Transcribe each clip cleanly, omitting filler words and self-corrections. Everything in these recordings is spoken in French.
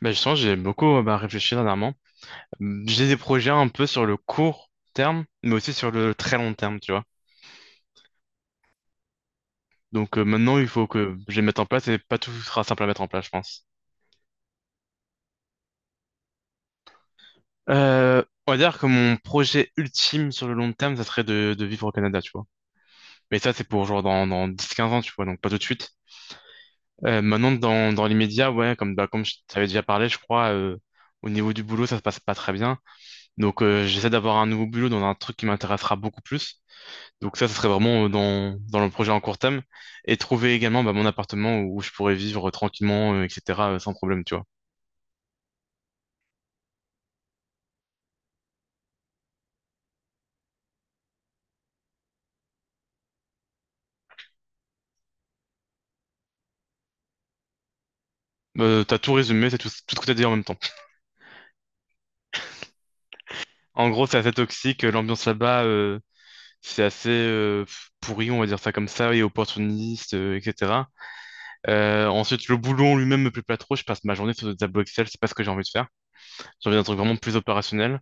Bah justement, j'ai beaucoup bah, réfléchi dernièrement. J'ai des projets un peu sur le court terme, mais aussi sur le très long terme, tu vois. Donc maintenant, il faut que je les mette en place et pas tout sera simple à mettre en place, je pense. On va dire que mon projet ultime sur le long terme, ça serait de vivre au Canada, tu vois. Mais ça, c'est pour genre dans 10 15 ans, tu vois, donc pas tout de suite. Maintenant, dans l'immédiat, ouais, comme je t'avais déjà parlé, je crois, au niveau du boulot, ça se passe pas très bien. Donc j'essaie d'avoir un nouveau boulot dans un truc qui m'intéressera beaucoup plus. Donc ça serait vraiment dans le projet en court terme. Et trouver également bah, mon appartement où je pourrais vivre tranquillement, etc., sans problème, tu vois. T'as tout résumé, c'est tout ce que t'as dit en même temps. En gros, c'est assez toxique, l'ambiance là-bas, c'est assez pourri, on va dire ça comme ça, et opportuniste, etc. Ensuite, le boulot en lui-même me plaît pas trop, je passe ma journée sur des tableaux Excel, c'est pas ce que j'ai envie de faire. J'ai envie d'un truc vraiment plus opérationnel.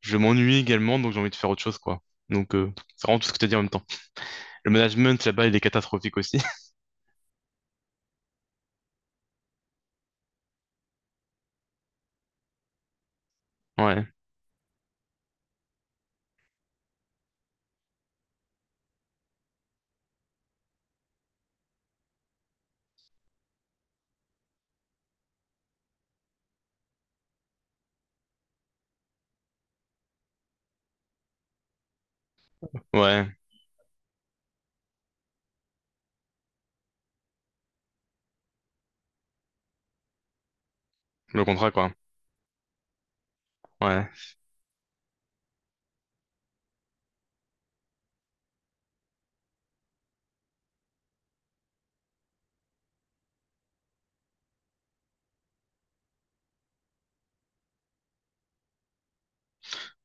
Je m'ennuie également, donc j'ai envie de faire autre chose, quoi. Donc, c'est vraiment tout ce que t'as dit en même temps. Le management là-bas, il est catastrophique aussi. Ouais. Ouais, le contrat quoi. Ouais.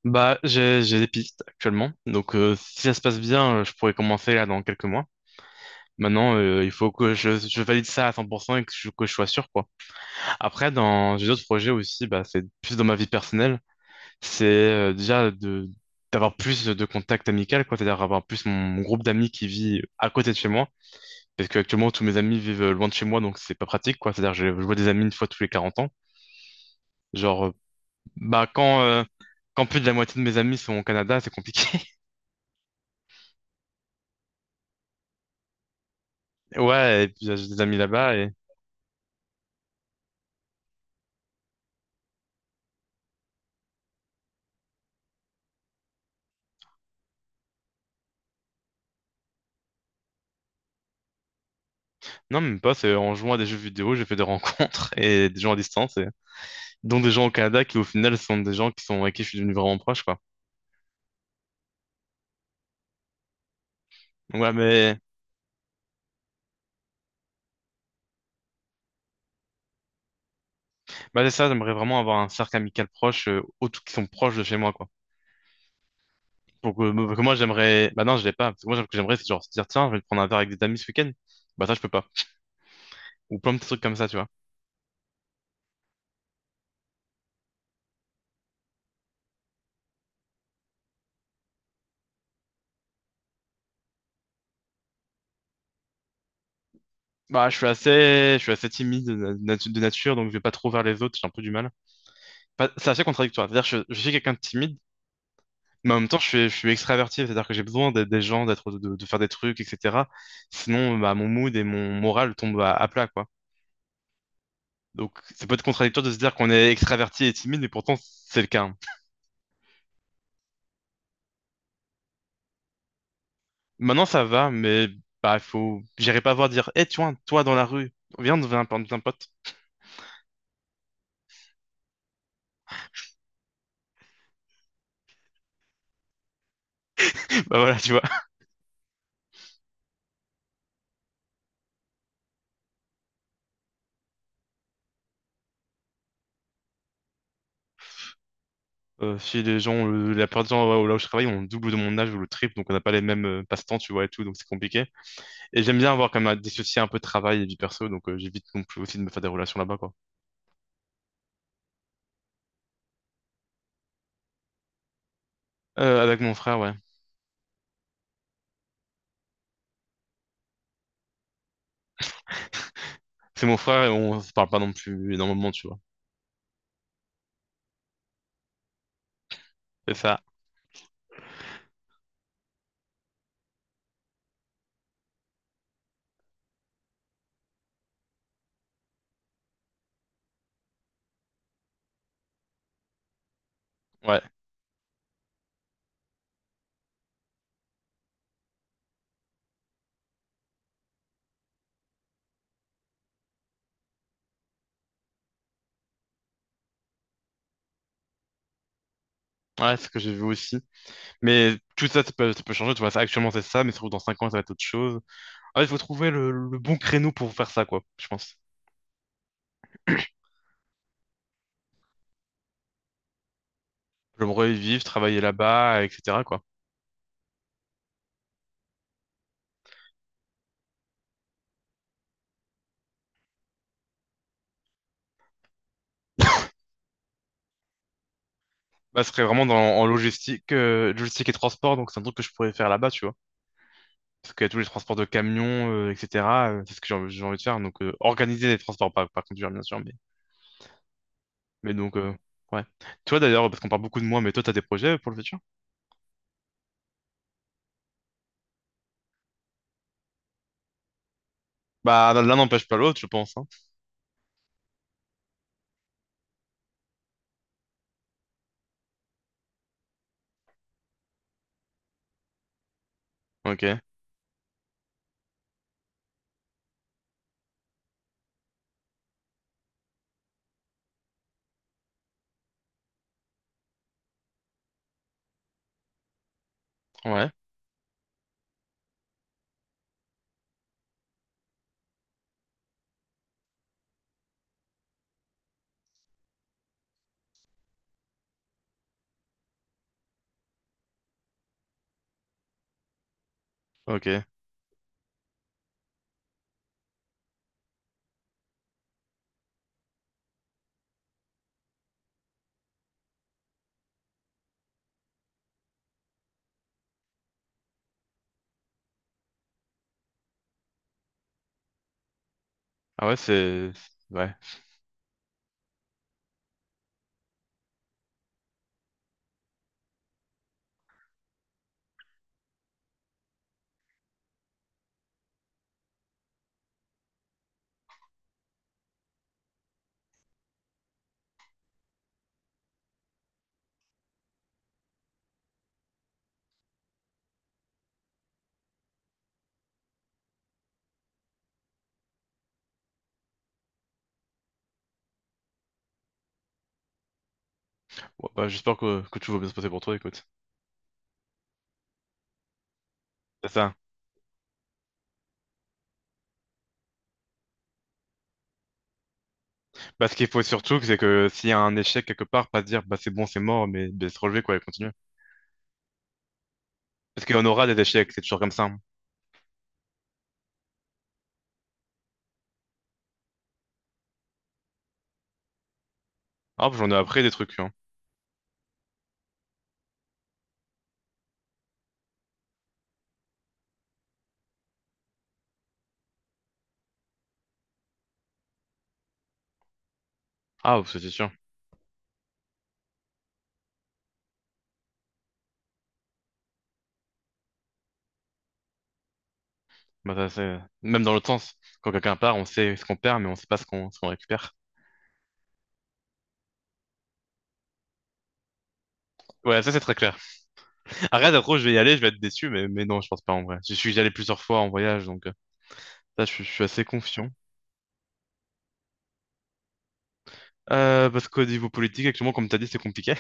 Bah j'ai des pistes actuellement. Donc si ça se passe bien, je pourrais commencer là dans quelques mois. Maintenant, il faut que je valide ça à 100% et que je sois sûr quoi. Après, dans j'ai d'autres projets aussi, bah c'est plus dans ma vie personnelle. C'est déjà de d'avoir plus de contacts amicaux quoi, c'est-à-dire avoir plus mon groupe d'amis qui vit à côté de chez moi. Parce que actuellement tous mes amis vivent loin de chez moi, donc c'est pas pratique quoi. C'est-à-dire je vois des amis une fois tous les 40 ans. Genre euh, Bah quand plus de la moitié de mes amis sont au Canada, c'est compliqué. Ouais, et puis j'ai des amis là-bas et non, même pas, c'est en jouant à des jeux vidéo, j'ai fait des rencontres et des gens à distance et dont des gens au Canada qui au final sont des gens qui sont avec qui je suis devenu vraiment proche quoi. Ouais, mais bah c'est ça, j'aimerais vraiment avoir un cercle amical proche autres qui sont proches de chez moi quoi. Donc parce que moi j'aimerais bah non, je l'ai pas parce que moi ce que j'aimerais c'est genre se dire tiens, je vais prendre un verre avec des amis ce week-end. Bah ça je peux pas. Ou plein de petits trucs comme ça, tu vois. Bah je suis assez timide de nature donc je vais pas trop vers les autres, j'ai un peu du mal. Bah, c'est assez contradictoire. C'est-à-dire que je suis quelqu'un de timide, mais en même temps, je suis extraverti. C'est-à-dire que j'ai besoin d'être des gens, d'être, de faire des trucs, etc. Sinon, bah, mon mood et mon moral tombent à plat, quoi. Donc, ça peut être contradictoire de se dire qu'on est extraverti et timide, mais pourtant, c'est le cas, hein. Maintenant, ça va, mais bah, faut... j'irai pas voir dire, eh, tu vois, toi, dans la rue, viens, on devient un pote. Bah voilà, tu vois. Si les gens, la plupart des gens ouais, là où je travaille, ont le double de mon âge ou le triple, donc on n'a pas les mêmes passe-temps, tu vois, et tout, donc c'est compliqué. Et j'aime bien avoir quand même à dissocier un peu travail et vie perso, donc j'évite non plus aussi de me faire des relations là-bas, quoi. Avec mon frère, ouais. C'est mon frère et on se parle pas non plus énormément, tu vois. C'est ça, ouais. Ouais, c'est ce que j'ai vu aussi. Mais tout ça, ça peut changer, tu vois. Actuellement, c'est ça, mais surtout dans 5 ans, ça va être autre chose. Ah, il faut trouver le bon créneau pour faire ça, quoi, je pense. J'aimerais vivre, travailler là-bas, etc., quoi. Bah, ce serait vraiment en logistique, logistique et transport, donc c'est un truc que je pourrais faire là-bas, tu vois. Parce que tous les transports de camions, etc., c'est ce que j'ai envie de faire. Donc, organiser les transports, pas conduire, bien sûr. Mais donc, ouais. Toi, d'ailleurs, parce qu'on parle beaucoup de moi, mais toi, t'as des projets pour le futur? Bah, l'un n'empêche pas l'autre, je pense, hein. Ok. Ouais. Ok. Ah ouais, c'est... Ouais. Ouais, bon, bah, j'espère que tout va bien se passer pour toi, écoute. C'est ça. Bah, ce qu'il faut surtout, c'est que s'il y a un échec quelque part, pas se dire, bah, c'est bon, c'est mort, mais de se relever, quoi, et continuer. Parce qu'il y en aura des échecs, c'est toujours comme ça, hein. Ah, j'en ai appris des trucs, hein. Ah, c'est sûr. Bah, même dans l'autre sens, quand quelqu'un part, on sait ce qu'on perd, mais on sait pas ce qu'on récupère. Ouais, ça c'est très clair. Arrête, après, je vais y aller, je vais être déçu, mais non, je pense pas en vrai. Je suis allé plusieurs fois en voyage, donc ça, je suis assez confiant. Parce qu'au niveau politique, actuellement, comme t'as dit, c'est compliqué.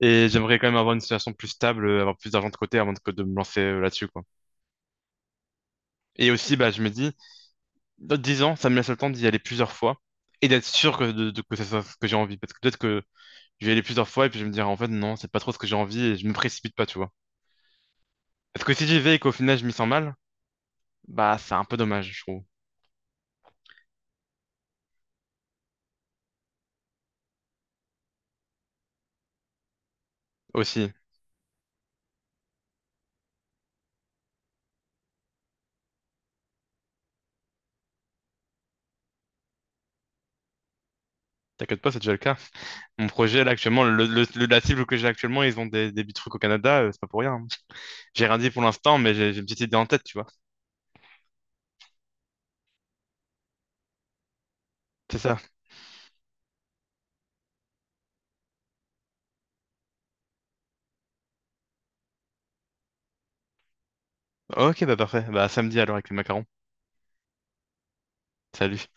Et j'aimerais quand même avoir une situation plus stable, avoir plus d'argent de côté que de me lancer là-dessus, quoi. Et aussi, bah, je me dis, dans 10 ans, ça me laisse le temps d'y aller plusieurs fois et d'être sûr que ça soit ce que j'ai envie. Parce que peut-être que je vais y aller plusieurs fois et puis je vais me dire, en fait, non, c'est pas trop ce que j'ai envie et je me précipite pas, tu vois. Parce que si j'y vais et qu'au final je m'y sens mal, bah c'est un peu dommage, je trouve. Aussi, t'inquiète pas, c'est déjà le cas. Mon projet là actuellement, la cible que j'ai actuellement, ils ont des petits trucs au Canada, c'est pas pour rien, hein. J'ai rien dit pour l'instant, mais j'ai une petite idée en tête, tu vois. C'est ça. Ok, bah parfait. Bah à samedi alors avec les macarons. Salut.